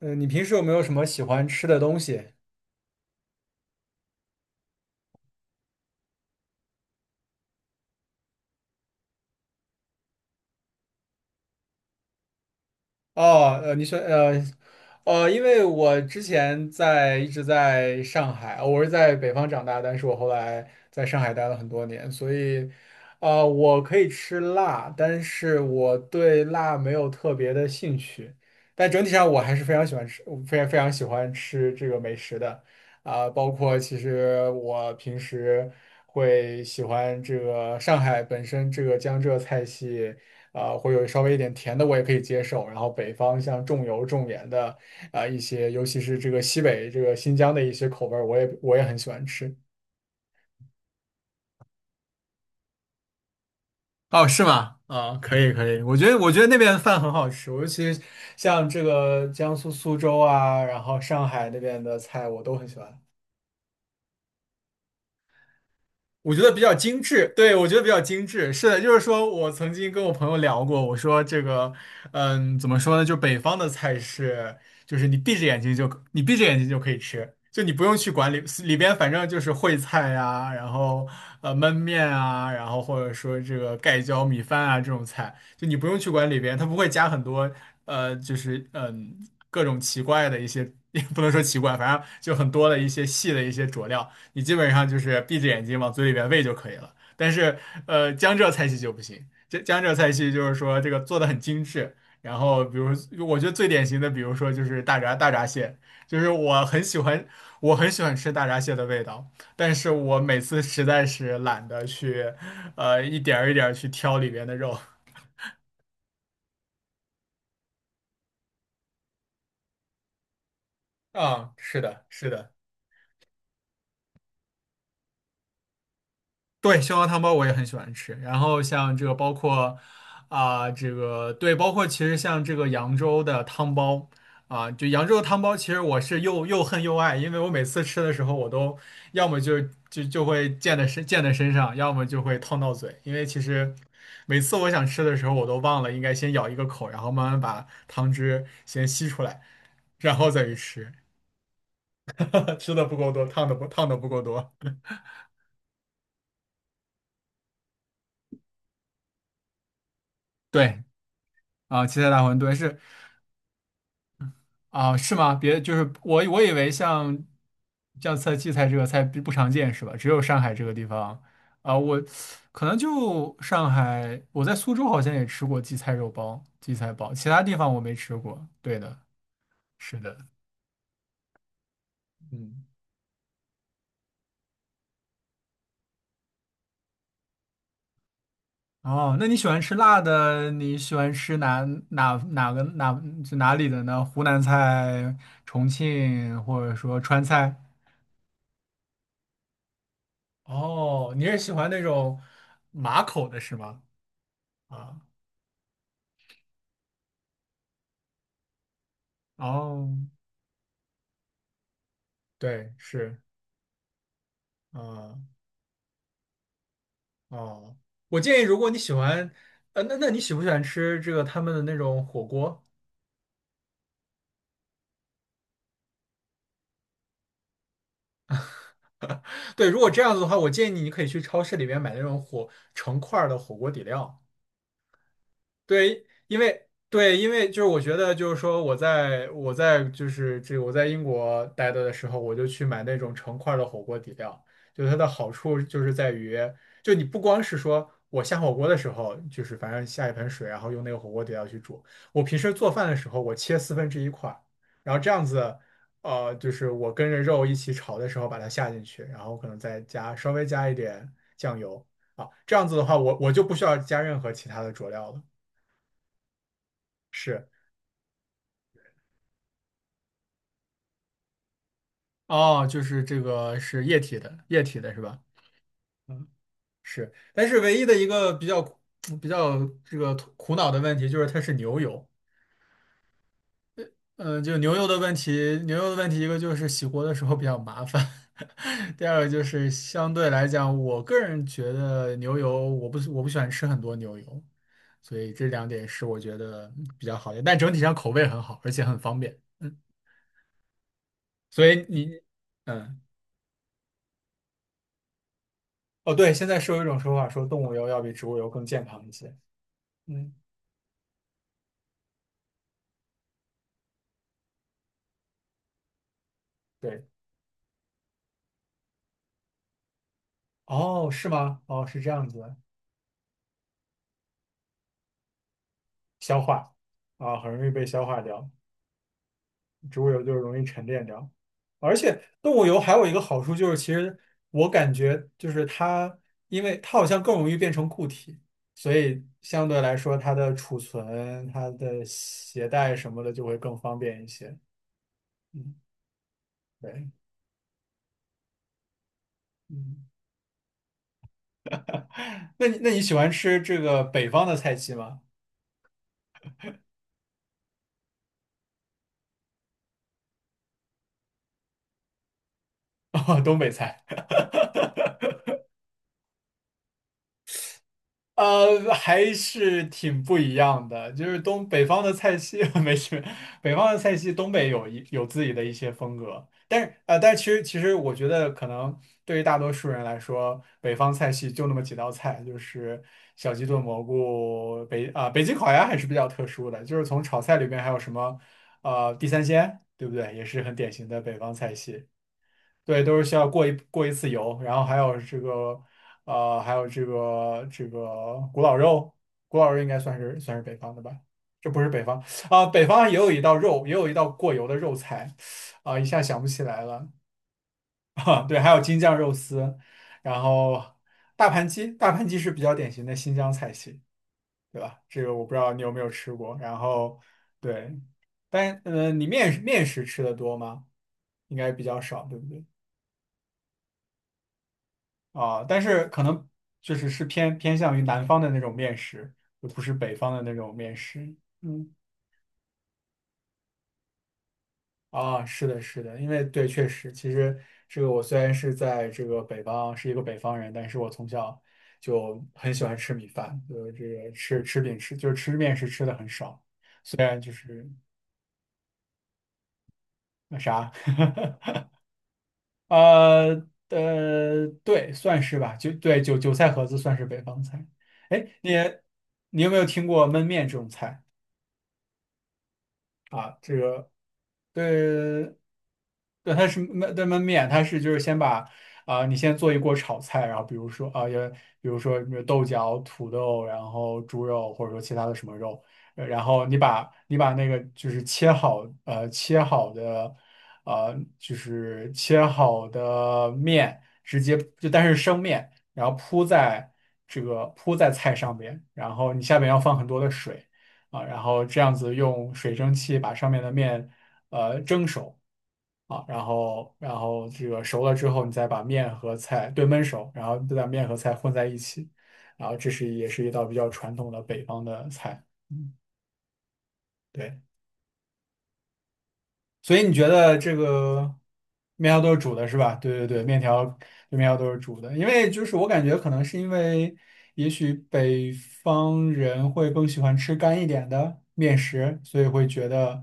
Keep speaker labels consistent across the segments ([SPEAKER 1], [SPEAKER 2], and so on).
[SPEAKER 1] 嗯，你平时有没有什么喜欢吃的东西？哦，你说，因为我之前一直在上海，我是在北方长大，但是我后来在上海待了很多年，所以，我可以吃辣，但是我对辣没有特别的兴趣。但整体上，我还是非常喜欢吃，非常非常喜欢吃这个美食的。啊，包括其实我平时会喜欢这个上海本身这个江浙菜系，啊，会有稍微一点甜的我也可以接受。然后北方像重油重盐的，啊，一些尤其是这个西北这个新疆的一些口味儿，我也很喜欢吃。哦，是吗？啊，可以可以，我觉得那边的饭很好吃，尤其像这个江苏苏州啊，然后上海那边的菜我都很喜欢。我觉得比较精致，对，我觉得比较精致。是的，就是说我曾经跟我朋友聊过，我说这个，怎么说呢？就北方的菜是，就是你闭着眼睛就可以吃，就你不用去管理里边，反正就是烩菜呀、然后焖面啊，然后或者说这个盖浇米饭啊这种菜，就你不用去管里边，它不会加很多就是各种奇怪的一些，也不能说奇怪，反正就很多的一些细的一些佐料。你基本上就是闭着眼睛往嘴里边喂就可以了。但是，江浙菜系就不行。这江浙菜系就是说这个做的很精致，然后比如我觉得最典型的，比如说就是大闸蟹，就是我很喜欢吃大闸蟹的味道，但是我每次实在是懒得去，一点儿一点儿去挑里边的肉。啊，是的，是的。对，蟹黄汤包我也很喜欢吃。然后像这个包括啊、这个对，包括其实像这个扬州的汤包，其实我是又恨又爱，因为我每次吃的时候，我都要么就会溅在身上，要么就会烫到嘴，因为其实每次我想吃的时候，我都忘了应该先咬一个口，然后慢慢把汤汁先吸出来，然后再去吃，吃的不够多，烫的不够多。对啊，七彩大馄饨是。啊，是吗？别，就是我以为像荠菜这个菜不常见是吧？只有上海这个地方啊，我可能就上海，我在苏州好像也吃过荠菜肉包、荠菜包，其他地方我没吃过。对的，是的，嗯。哦，那你喜欢吃辣的？你喜欢吃哪哪哪个哪就哪里的呢？湖南菜、重庆或者说川菜？哦，你是喜欢那种麻口的是吗？啊，哦。对，是，啊、哦，我建议，如果你喜欢，那你喜不喜欢吃这个他们的那种火锅？对，如果这样子的话，我建议你，你可以去超市里面买那种火成块儿的火锅底料，对，因为对，因为就是我觉得就是说我在我在就是这个我在英国待的时候，我就去买那种成块儿的火锅底料，就它的好处就是在于，就你不光是说我下火锅的时候，就是反正下一盆水，然后用那个火锅底料去煮，我平时做饭的时候，我切四分之一块儿然后这样子。就是我跟着肉一起炒的时候，把它下进去，然后可能稍微加一点酱油啊，这样子的话，我就不需要加任何其他的佐料了。是哦，就是这个是液体的，液体的是吧？嗯，是。但是唯一的一个比较这个苦恼的问题就是它是牛油。嗯，就牛油的问题，牛油的问题一个就是洗锅的时候比较麻烦，第二个就是相对来讲，我个人觉得牛油我不喜欢吃很多牛油，所以这两点是我觉得比较好的，但整体上口味很好，而且很方便。嗯，所以你嗯。哦，对，现在是有一种说法说动物油要比植物油更健康一些。嗯，对。哦，是吗？哦，是这样子，消化啊，很容易被消化掉，植物油就是容易沉淀掉。而且动物油还有一个好处就是，其实我感觉就是它，因为它好像更容易变成固体，所以相对来说它的储存、它的携带什么的就会更方便一些。嗯，对，嗯，那你喜欢吃这个北方的菜系吗？哦，东北菜，还是挺不一样的。就是东北方的菜系，没事，北方的菜系，东北有自己的一些风格。但是，但是其实我觉得，可能对于大多数人来说，北方菜系就那么几道菜，就是小鸡炖蘑菇、北京烤鸭还是比较特殊的。就是从炒菜里面还有什么，地三鲜，对不对？也是很典型的北方菜系。对，都是需要过一次油，然后还有这个古老肉，古老肉应该算是北方的吧？这不是北方啊，北方也有一道肉，也有一道过油的肉菜，啊，一下想不起来了 啊。对，还有京酱肉丝，然后大盘鸡，大盘鸡是比较典型的新疆菜系，对吧？这个我不知道你有没有吃过。然后对，但你面食吃的多吗？应该比较少，对不对？啊，但是可能就是偏向于南方的那种面食，而不是北方的那种面食。嗯，啊，是的，是的，因为对，确实，其实这个我虽然是在这个北方，是一个北方人，但是我从小就很喜欢吃米饭，就是这个吃饼吃，就是吃面食吃的很少，虽然就是那啥，对，算是吧，就对，韭菜盒子算是北方菜。哎，你有没有听过焖面这种菜？对，对，它是焖面，它是就是先把啊、你先做一锅炒菜，然后比如说什么豆角、土豆，然后猪肉或者说其他的什么肉，然后你把那个就是切好呃切好的呃就是切好的面直接就但是生面，然后铺在菜上面，然后你下面要放很多的水。啊，然后这样子用水蒸气把上面的面蒸熟啊，然后这个熟了之后，你再把面和菜对焖熟，然后再把面和菜混在一起，然后这是也是一道比较传统的北方的菜。嗯，对，所以你觉得这个面条都是煮的是吧？对对对，面条都是煮的，因为就是我感觉可能是因为。也许北方人会更喜欢吃干一点的面食，所以会觉得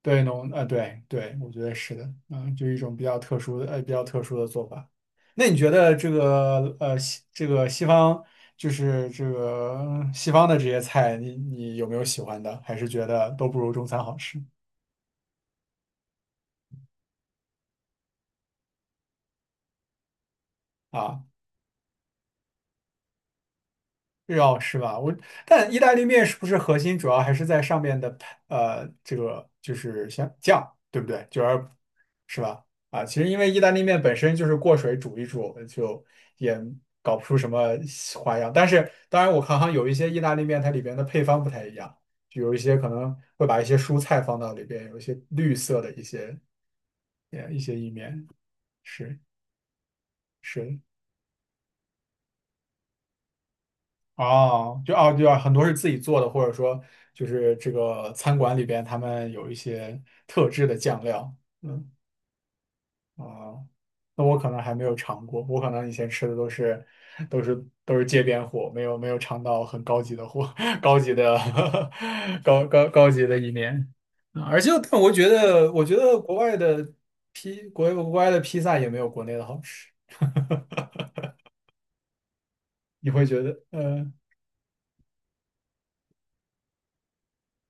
[SPEAKER 1] 对农，啊，对对，我觉得是的，就一种比较特殊的做法。那你觉得这个，西方，就是这个西方的这些菜，你有没有喜欢的？还是觉得都不如中餐好吃啊？日料是吧？但意大利面是不是核心主要还是在上面的这个就是像酱，对不对？就要是吧？啊，其实因为意大利面本身就是过水煮一煮，就也搞不出什么花样。但是当然，我看好像有一些意大利面它里边的配方不太一样，就有一些可能会把一些蔬菜放到里边，有一些绿色的一些一些意面，是是。哦，哦，对啊，很多是自己做的，或者说就是这个餐馆里边他们有一些特制的酱料，嗯啊，那我可能还没有尝过，我可能以前吃的都是街边货，没有尝到很高级的货，高级的 高级的一面啊而且但我觉得国外的披萨也没有国内的好吃，你会觉得嗯？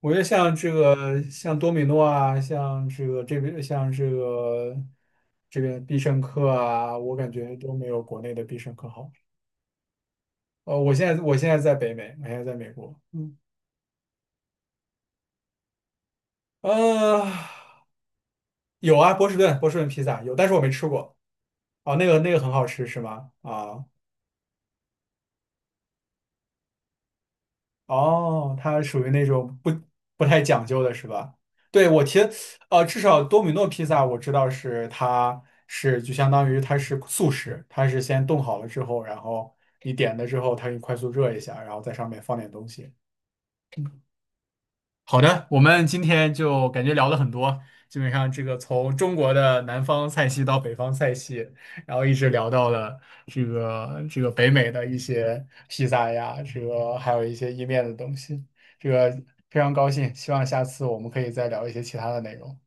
[SPEAKER 1] 我觉得像这个，像多米诺啊，像这个这边必胜客啊，我感觉都没有国内的必胜客好。我现在在北美，我现在在美国。嗯，呃，有啊，波士顿披萨有，但是我没吃过。哦，那个很好吃是吗？啊、哦，它属于那种不太讲究的是吧？对，至少多米诺披萨我知道是就相当于它是速食，它是先冻好了之后，然后你点了之后，它给你快速热一下，然后在上面放点东西。好的，我们今天就感觉聊了很多，基本上这个从中国的南方菜系到北方菜系，然后一直聊到了这个北美的一些披萨呀，这个还有一些意面的东西，这个非常高兴，希望下次我们可以再聊一些其他的内容。